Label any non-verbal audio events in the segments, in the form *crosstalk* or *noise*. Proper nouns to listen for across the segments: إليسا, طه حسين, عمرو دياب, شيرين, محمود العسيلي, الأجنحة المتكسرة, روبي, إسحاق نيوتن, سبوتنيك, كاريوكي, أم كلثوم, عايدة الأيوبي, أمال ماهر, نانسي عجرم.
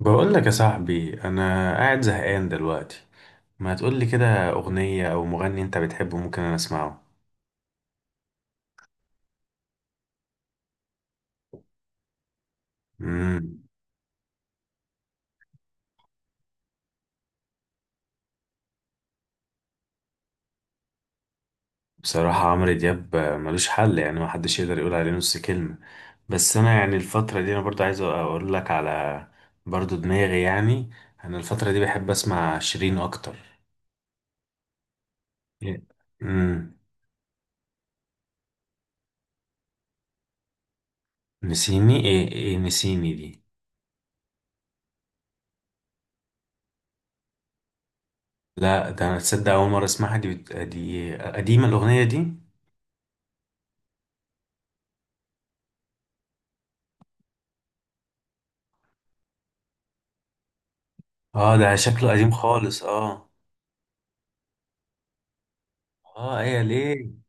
بقول لك يا صاحبي انا قاعد زهقان دلوقتي. ما تقول لي كده اغنيه او مغني انت بتحبه؟ ممكن انا اسمعه. امم. بصراحه عمرو دياب ملوش حل، يعني ما حدش يقدر يقول عليه نص كلمه. بس انا يعني الفتره دي انا برضو عايز اقول لك على برضو دماغي يعني. انا الفتره دي بحب اسمع شيرين اكتر. امم. نسيني ايه؟ ايه نسيني دي؟ لا، ده انا تصدق اول مره اسمعها دي. دي قديمه الاغنيه دي. اه، ده شكله قديم خالص، اه. اه، هي ليه.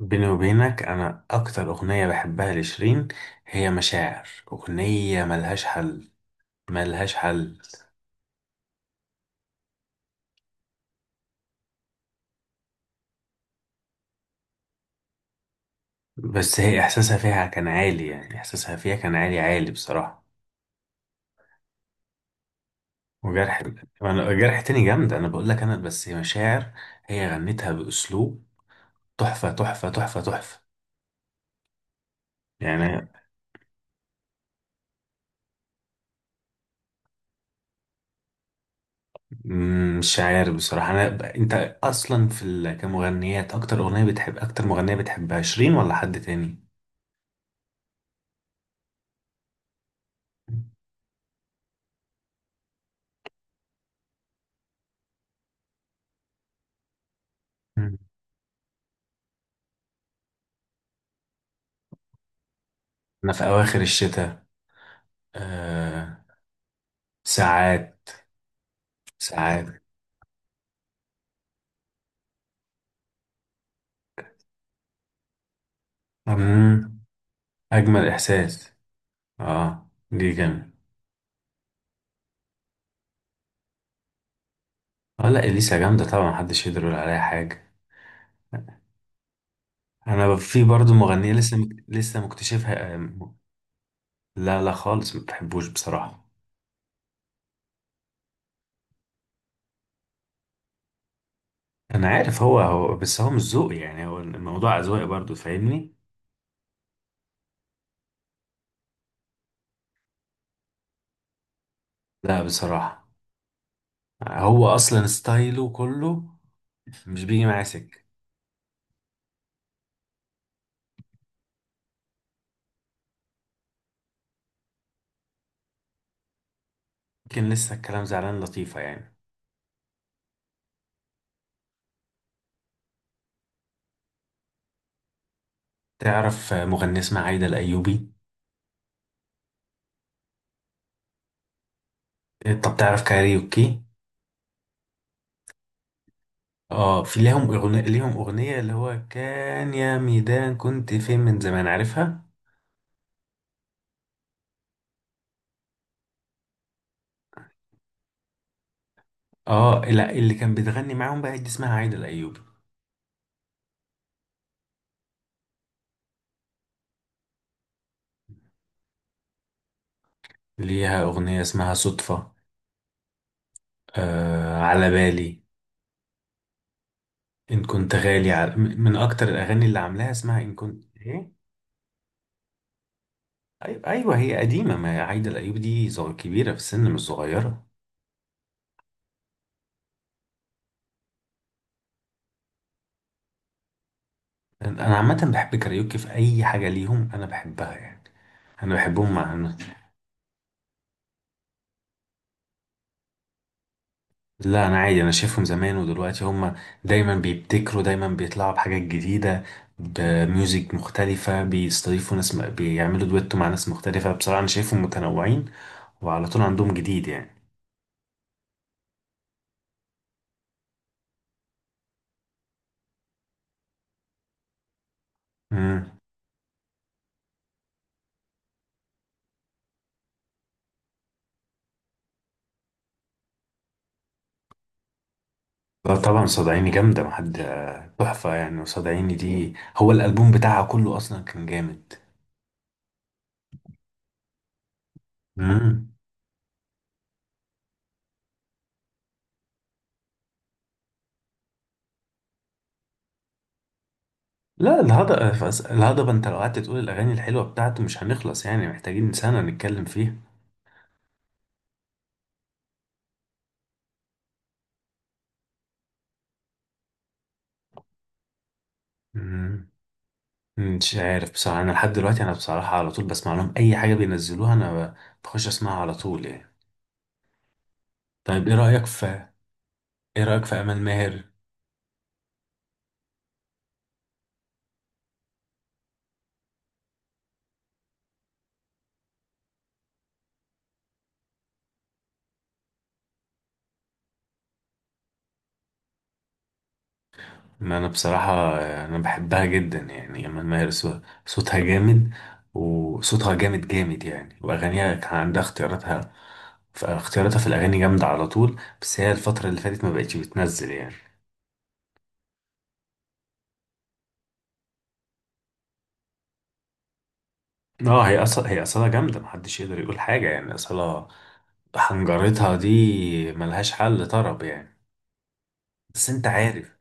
بيني وبينك انا اكتر اغنيه بحبها لشيرين هي مشاعر، اغنيه ملهاش حل، ملهاش حل. بس هي احساسها فيها كان عالي، يعني احساسها فيها كان عالي عالي بصراحه. وجرح. انا جرح تاني جامده، انا بقول لك، انا بس مشاعر. هي غنتها باسلوب تحفه، تحفه، تحفه، تحفه يعني. مش عارف بصراحه. انا انت اصلا في كمغنيات، اكتر اغنيه بتحب، اكتر مغنيه بتحبها شيرين ولا حد تاني؟ مم. أنا في أواخر الشتاء. آه. ساعات. ساعات. مم. أجمل إحساس. آه دي جامد. آه، لا، إليسا جامدة طبعا، محدش يقدر يقول عليها حاجة. أنا في برضو مغنية لسه لسه مكتشفها. لا لا خالص، ما بحبوش بصراحة. أنا عارف، هو بس هو مش ذوقي، يعني هو الموضوع أذواق برضو، فاهمني. لا، بصراحة. هو أصلا ستايله كله مش بيجي معاه سكة. يمكن لسه الكلام زعلان لطيفة يعني. تعرف مغنية اسمها عايدة الأيوبي؟ طب تعرف كاريوكي؟ اه، في ليهم أغنية اللي هو كان يا ميدان كنت فين من زمان، عارفها؟ اه، لا، اللي كان بتغني معاهم بقى دي اسمها عايدة الأيوبي. ليها أغنية اسمها صدفة، آه على بالي، إن كنت غالي من أكتر الأغاني اللي عاملاها اسمها إن كنت إيه. أيوة, أيوة، هي قديمة، ما عايدة الأيوبي دي كبيرة في السن مش صغيرة. أنا عامة بحب كاريوكي، في أي حاجة ليهم أنا بحبها يعني. انا بحبهم مع. لا انا عادي، انا شايفهم زمان ودلوقتي هم دايما بيبتكروا، دايما بيطلعوا بحاجات جديده، بميوزك مختلفه، بيستضيفوا ناس، بيعملوا دويتو مع ناس مختلفه، بصراحه انا شايفهم متنوعين، وعلى طول عندهم جديد يعني. امم. لا طبعا، صدعيني جامده، محد تحفه يعني، وصدعيني دي هو الالبوم بتاعها كله اصلا كان جامد. امم. لا، الهضبه الهضبه، انت لو قعدت تقول الاغاني الحلوه بتاعته مش هنخلص يعني، محتاجين سنه نتكلم فيها. مم. مش عارف بصراحة، أنا لحد دلوقتي أنا بصراحة على طول بسمع لهم أي حاجة بينزلوها، بخش أسمعها على طول يعني. طيب إيه رأيك في، إيه رأيك في أمال ماهر؟ ما أنا بصراحة أنا بحبها جدا يعني، أمال ماهر صوتها جامد، وصوتها جامد جامد يعني، وأغانيها كان عندها اختياراتها، فاختياراتها في الأغاني جامدة على طول، بس هي الفترة اللي فاتت ما بقتش بتنزل يعني. اه، هي أصلا جامدة، محدش يقدر يقول حاجة يعني أصلا، حنجرتها دي ملهاش حل طرب يعني. بس انت عارف؟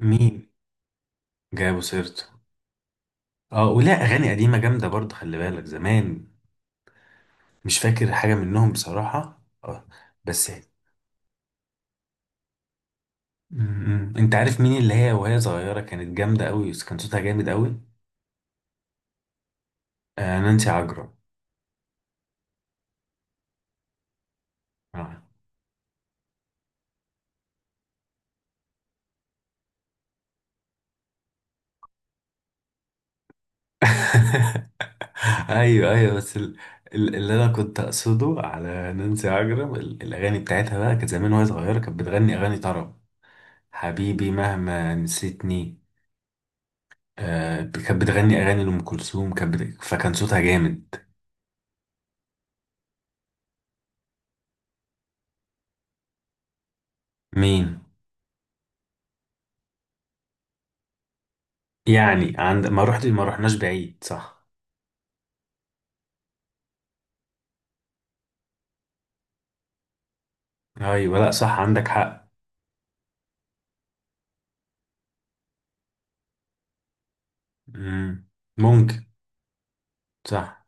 مين؟ جابوا سيرته؟ اه، ولا اغاني قديمه جامده برضه، خلي بالك زمان. مش فاكر حاجه منهم بصراحه، اه. بس. م- م. انت عارف مين اللي هي وهي صغيره كانت جامده قوي، كان صوتها جامد قوي؟ آه نانسي عجرم. آه. *laughs* ايوه، ايوه بس اللي انا كنت اقصده على نانسي عجرم، الاغاني بتاعتها بقى كانت زمان وهي صغيره، كانت بتغني اغاني طرب. حبيبي مهما نسيتني. آه كانت بتغني اغاني لام كلثوم، فكان صوتها جامد. مين؟ يعني عند ما رحت، ما رحناش بعيد، صح. ايوه، لا صح، عندك حق. مم. ممكن. صح.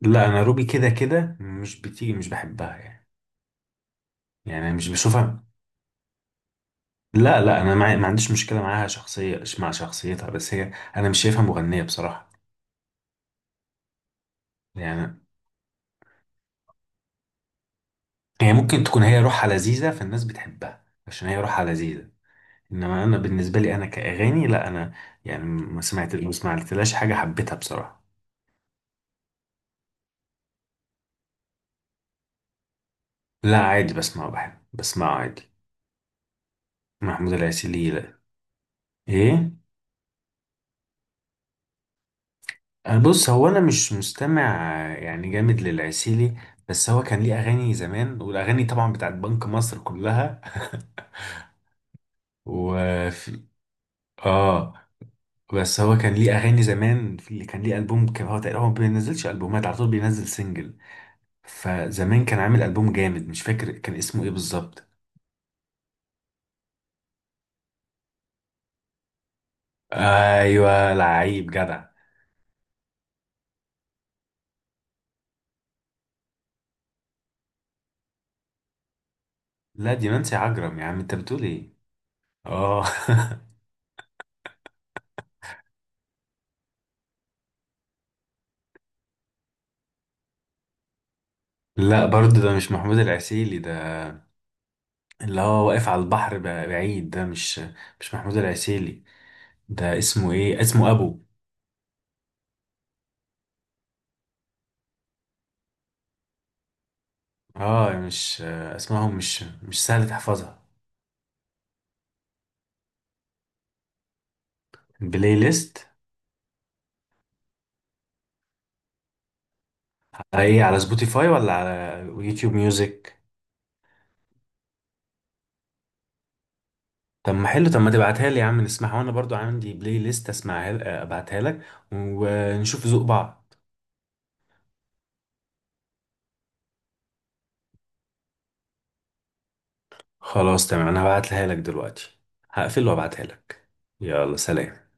لا انا روبي كده كده مش بتيجي، مش بحبها يعني، يعني أنا مش بشوفها. لا لا، ما عنديش مشكله معاها شخصيه، مع شخصيتها، بس هي انا مش شايفها مغنيه بصراحه، يعني. هي ممكن تكون، هي روحها لذيذه، فالناس بتحبها عشان هي روحها لذيذه. انما انا بالنسبه لي انا كاغاني، لا انا يعني ما سمعتلهاش حاجه حبيتها بصراحه. لا عادي، بسمع، بحب بسمع عادي. محمود العسيلي لا. ايه. أه بص، هو انا مش مستمع يعني جامد للعسيلي. بس هو كان ليه اغاني زمان، والاغاني طبعا بتاعت بنك مصر كلها. *laughs* وفي. اه، بس هو كان ليه اغاني زمان، في كان ليه البوم، كان هو تقريبا هو ما بينزلش البومات على طول، بينزل سنجل، فزمان كان عامل البوم جامد مش فاكر كان اسمه ايه بالظبط. ايوه، لعيب جدع. لا دي نانسي عجرم يا عم، انت بتقول ايه؟ اه. *laughs* لا برضه، ده مش محمود العسيلي، ده اللي هو واقف على البحر بعيد، ده مش، مش محمود العسيلي. ده اسمه ايه؟ اسمه ابو. اه، مش اسمائهم، مش سهل تحفظها. بلاي ليست. على ايه؟ على سبوتيفاي ولا على يوتيوب ميوزك. طب ما حلو، طب ما تبعتها لي يا عم نسمعها، وانا برضو عندي بلاي ليست اسمعها، ابعتها لك ونشوف ذوق بعض. خلاص تمام، انا هبعتها لك دلوقتي، هقفل وابعتها لك. يلا سلام.